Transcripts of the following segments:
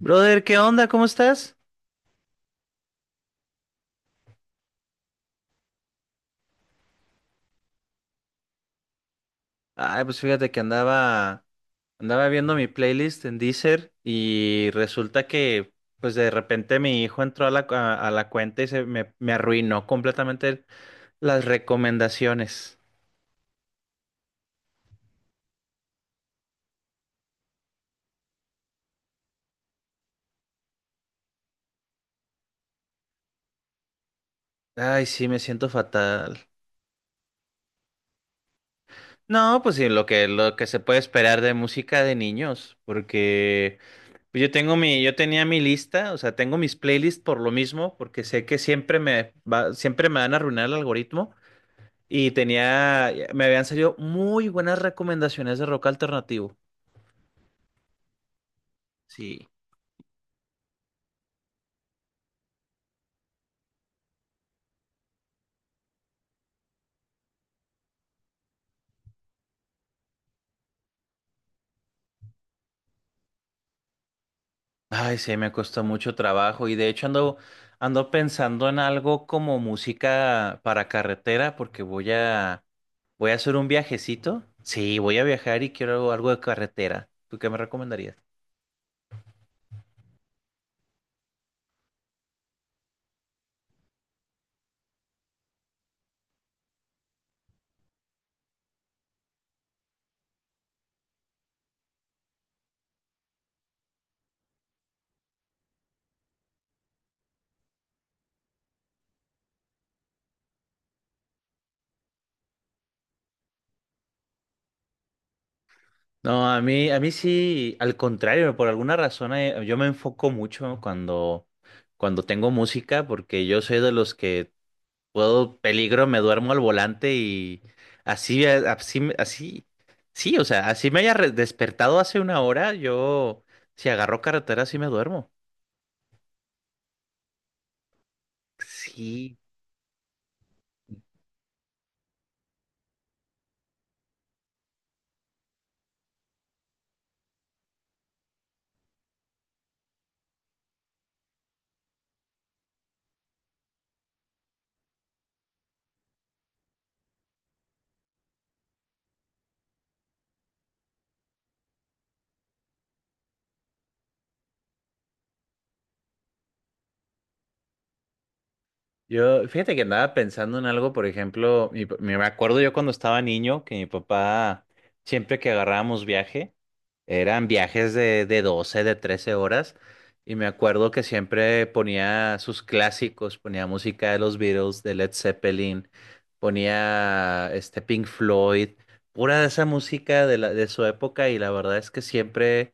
Brother, ¿qué onda? ¿Cómo estás? Ay, pues fíjate que andaba viendo mi playlist en Deezer y resulta que, pues de repente mi hijo entró a la cuenta y se me arruinó completamente las recomendaciones. Ay, sí, me siento fatal. No, pues sí, lo que se puede esperar de música de niños, porque pues, yo tenía mi lista, o sea, tengo mis playlists por lo mismo, porque sé que siempre me van a arruinar el algoritmo. Y tenía, me habían salido muy buenas recomendaciones de rock alternativo. Sí. Ay, sí, me costó mucho trabajo y de hecho ando pensando en algo como música para carretera porque voy a hacer un viajecito. Sí, voy a viajar y quiero algo de carretera. ¿Tú qué me recomendarías? No, a mí sí, al contrario, por alguna razón yo me enfoco mucho cuando tengo música porque yo soy de los que puedo peligro, me duermo al volante y así, sí, o sea, así me haya despertado hace una hora, yo, si agarro carretera, sí me duermo. Sí, yo, fíjate que andaba pensando en algo, por ejemplo, me acuerdo yo cuando estaba niño que mi papá, siempre que agarrábamos viaje, eran viajes de 12 de 13 horas. Y me acuerdo que siempre ponía sus clásicos, ponía música de los Beatles, de Led Zeppelin, ponía este Pink Floyd, pura de esa música de la, de su época. Y la verdad es que siempre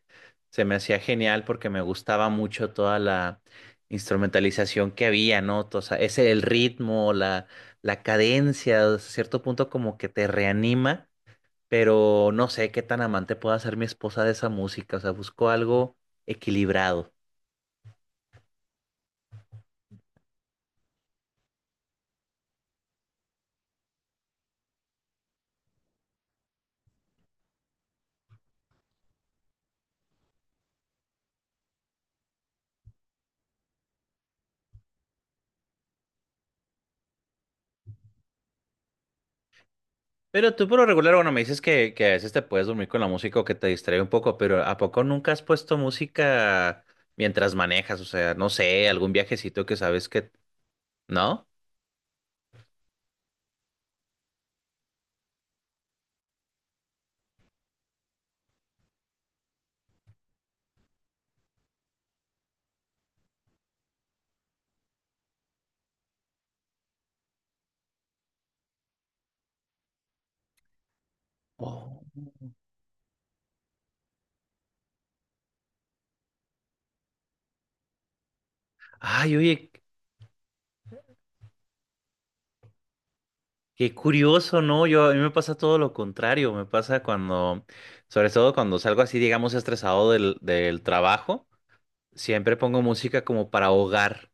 se me hacía genial porque me gustaba mucho toda la instrumentalización que había, ¿no? O sea, ese el ritmo, la cadencia, a cierto punto como que te reanima, pero no sé qué tan amante pueda ser mi esposa de esa música, o sea, busco algo equilibrado. Pero tú por lo regular, bueno, me dices que a veces te puedes dormir con la música o que te distrae un poco, pero ¿a poco nunca has puesto música mientras manejas? O sea, no sé, algún viajecito que sabes que... ¿No? Oh. Ay, oye, qué curioso, ¿no? Yo, a mí me pasa todo lo contrario, me pasa sobre todo cuando salgo así, digamos, estresado del trabajo, siempre pongo música como para ahogar.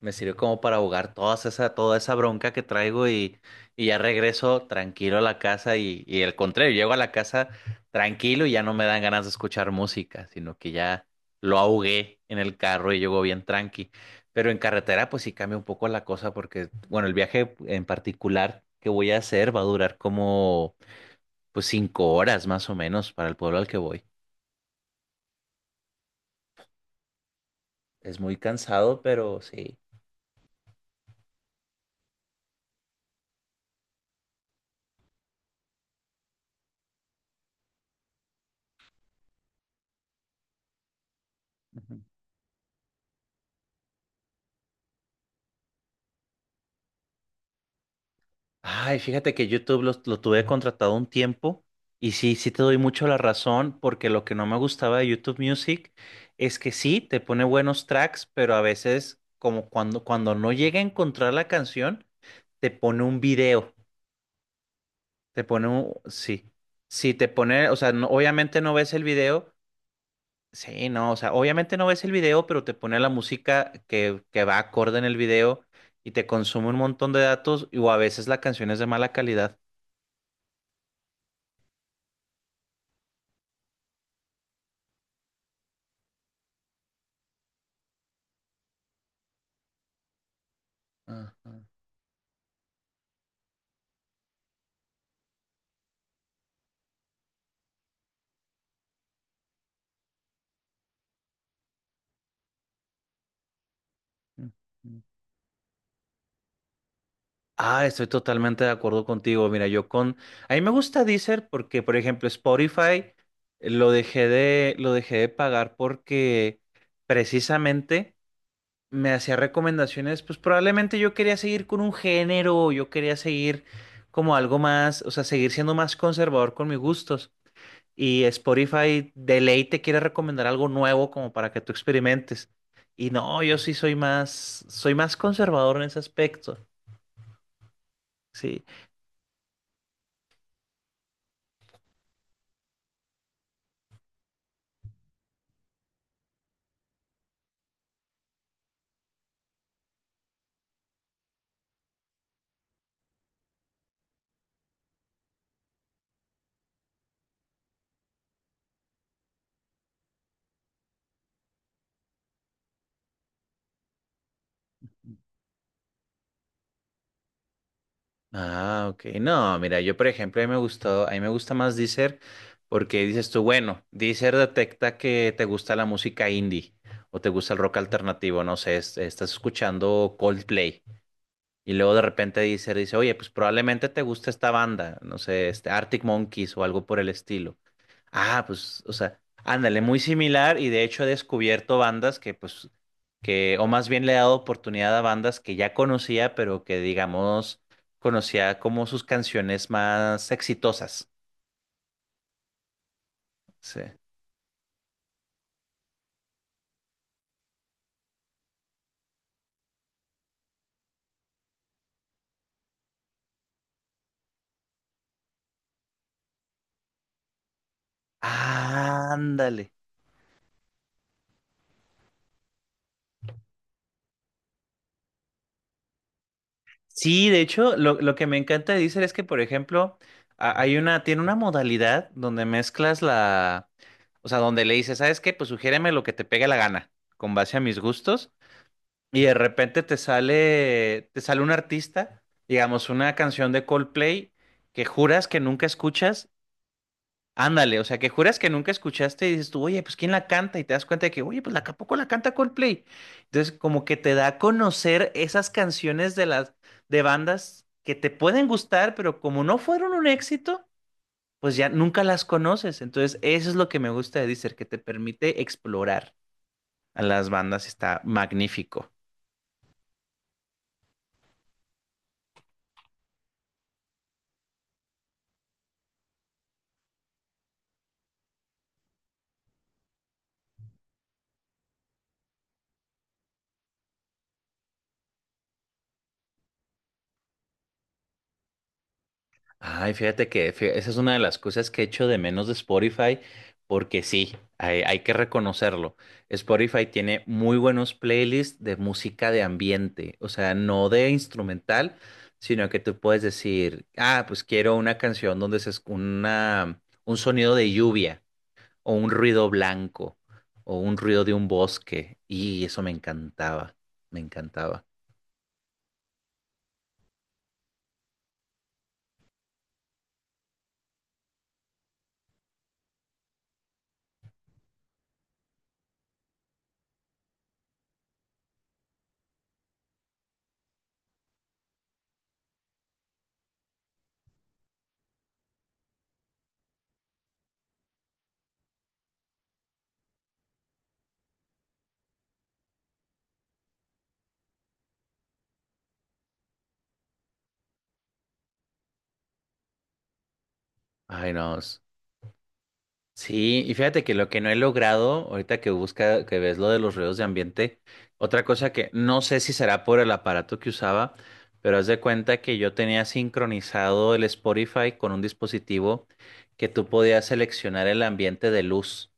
Me sirve como para ahogar toda esa bronca que traigo y ya regreso tranquilo a la casa y al contrario, llego a la casa tranquilo y ya no me dan ganas de escuchar música, sino que ya lo ahogué en el carro y llego bien tranqui. Pero en carretera pues sí cambia un poco la cosa porque, bueno, el viaje en particular que voy a hacer va a durar como pues 5 horas más o menos para el pueblo al que voy. Es muy cansado, pero sí. Ay, fíjate que YouTube tuve contratado un tiempo y sí, sí te doy mucho la razón porque lo que no me gustaba de YouTube Music es que sí, te pone buenos tracks, pero a veces como cuando no llega a encontrar la canción, te pone un video, sí, sí, te pone, o sea, obviamente no ves el video, sí, no, o sea, obviamente no ves el video, pero te pone la música que va acorde en el video y te consume un montón de datos y, o a veces la canción es de mala calidad. Ajá. Ujú. Ah, estoy totalmente de acuerdo contigo. Mira, yo con... A mí me gusta Deezer porque, por ejemplo, Spotify lo dejé de pagar porque precisamente me hacía recomendaciones, pues probablemente yo quería seguir con un género, yo quería seguir como algo más, o sea, seguir siendo más conservador con mis gustos. Y Spotify de ley te quiere recomendar algo nuevo como para que tú experimentes. Y no, yo sí soy soy más conservador en ese aspecto. Sí. Ah, ok. No, mira, yo por ejemplo, a mí me gusta más Deezer porque dices tú, bueno, Deezer detecta que te gusta la música indie o te gusta el rock alternativo, no sé, estás escuchando Coldplay y luego de repente Deezer dice, oye, pues probablemente te gusta esta banda, no sé, este Arctic Monkeys o algo por el estilo. Ah, pues, o sea, ándale, muy similar y de hecho he descubierto bandas o más bien le he dado oportunidad a bandas que ya conocía, pero que digamos, conocía como sus canciones más exitosas. Sí. Ah, ándale. Sí, de hecho, lo que me encanta de Deezer es que, por ejemplo, tiene una modalidad donde mezclas la, o sea, donde le dices, ¿sabes qué? Pues sugiéreme lo que te pegue la gana, con base a mis gustos. Y de repente te sale un artista, digamos, una canción de Coldplay que juras que nunca escuchas, ándale, o sea, que juras que nunca escuchaste y dices tú, oye, pues ¿quién la canta? Y te das cuenta de que, oye, pues la ¿a poco la canta Coldplay? Entonces, como que te da a conocer esas canciones de las de bandas que te pueden gustar, pero como no fueron un éxito, pues ya nunca las conoces. Entonces, eso es lo que me gusta de Deezer, que te permite explorar a las bandas, está magnífico. Ay, fíjate que esa es una de las cosas que he hecho de menos de Spotify, porque sí, hay que reconocerlo. Spotify tiene muy buenos playlists de música de ambiente, o sea, no de instrumental, sino que tú puedes decir, ah, pues quiero una canción donde un sonido de lluvia, o un ruido blanco, o un ruido de un bosque, y eso me encantaba, me encantaba. Ay, no. Sí, y fíjate que lo que no he logrado, ahorita que que ves lo de los ruidos de ambiente, otra cosa que no sé si será por el aparato que usaba, pero haz de cuenta que yo tenía sincronizado el Spotify con un dispositivo que tú podías seleccionar el ambiente de luz,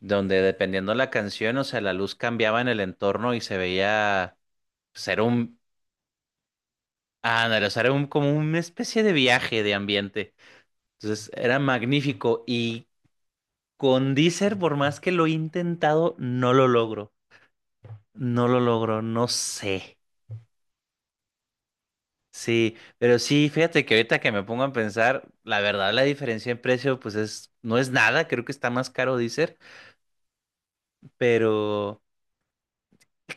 donde dependiendo la canción, o sea, la luz cambiaba en el entorno y se veía ser un, ah, no, era, o sea, era un, como una especie de viaje de ambiente. Entonces era magnífico y con Deezer, por más que lo he intentado, no lo logro. No lo logro, no sé. Sí, pero sí, fíjate que ahorita que me pongo a pensar, la verdad la diferencia en precio pues es, no es nada, creo que está más caro Deezer, pero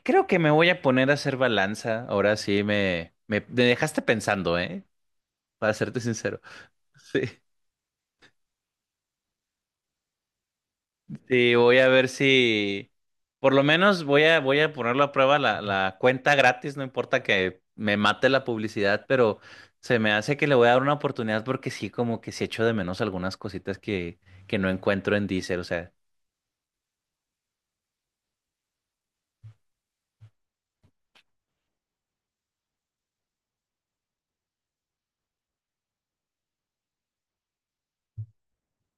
creo que me voy a poner a hacer balanza. Ahora sí me, me dejaste pensando, ¿eh? Para serte sincero. Sí. Sí, voy a ver si por lo menos voy a ponerlo a prueba la cuenta gratis, no importa que me mate la publicidad, pero se me hace que le voy a dar una oportunidad porque sí, como que sí echo de menos algunas cositas que no encuentro en Deezer, o sea.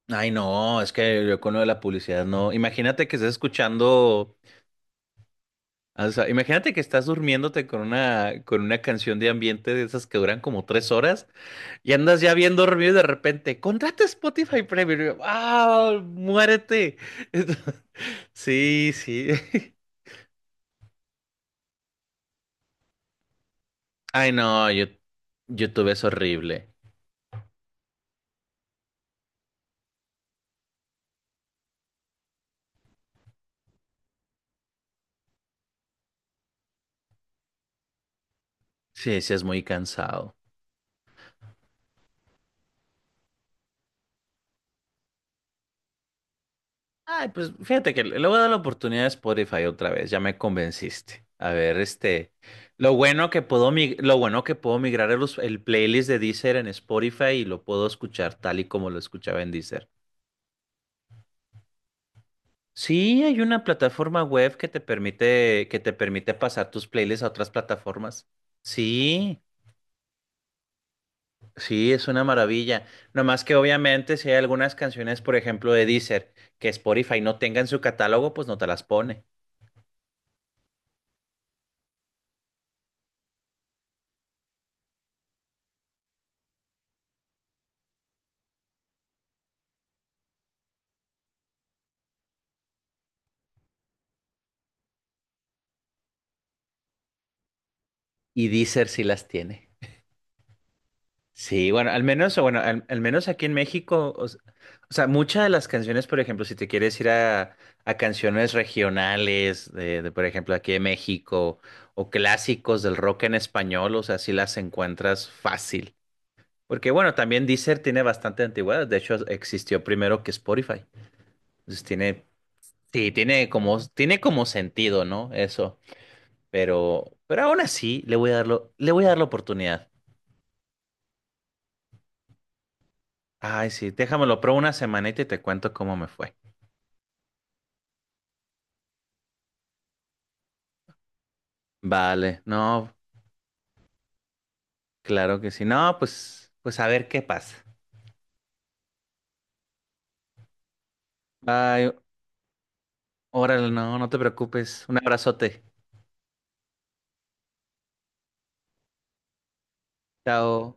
Ay, no, es que yo con lo de la publicidad no. Imagínate que estás escuchando, o sea, imagínate que estás durmiéndote con una canción de ambiente de esas que duran como 3 horas. Y andas ya bien dormido y de repente, contrata Spotify Premium. Y yo, ¡ah! ¡Muérete! Sí, sí. Ay, no, yo, YouTube es horrible. Sí, sí, es muy cansado. Ay, pues fíjate que le voy a dar la oportunidad a Spotify otra vez. Ya me convenciste. A ver, este. Lo bueno que puedo, mi- lo bueno que puedo migrar el playlist de Deezer en Spotify y lo puedo escuchar tal y como lo escuchaba en Deezer. Sí, hay una plataforma web que te permite, pasar tus playlists a otras plataformas. Sí, sí, es una maravilla. No más que obviamente si hay algunas canciones, por ejemplo, de Deezer, que Spotify no tenga en su catálogo, pues no te las pone. Y Deezer sí las tiene. Sí, bueno, al menos, o bueno, al menos aquí en México, o sea, muchas de las canciones, por ejemplo, si te quieres ir a canciones regionales, de, por ejemplo, aquí de México, o clásicos del rock en español, o sea, sí las encuentras fácil. Porque bueno, también Deezer tiene bastante antigüedad, de hecho existió primero que Spotify. Entonces tiene, sí, tiene como sentido, ¿no? Eso. Pero aún así, le voy a dar la oportunidad. Ay, sí, déjamelo, pruebo una semanita y te cuento cómo me fue. Vale, no, claro que sí. No, pues a ver qué pasa. Ay, órale, no, no te preocupes. Un abrazote. Chao.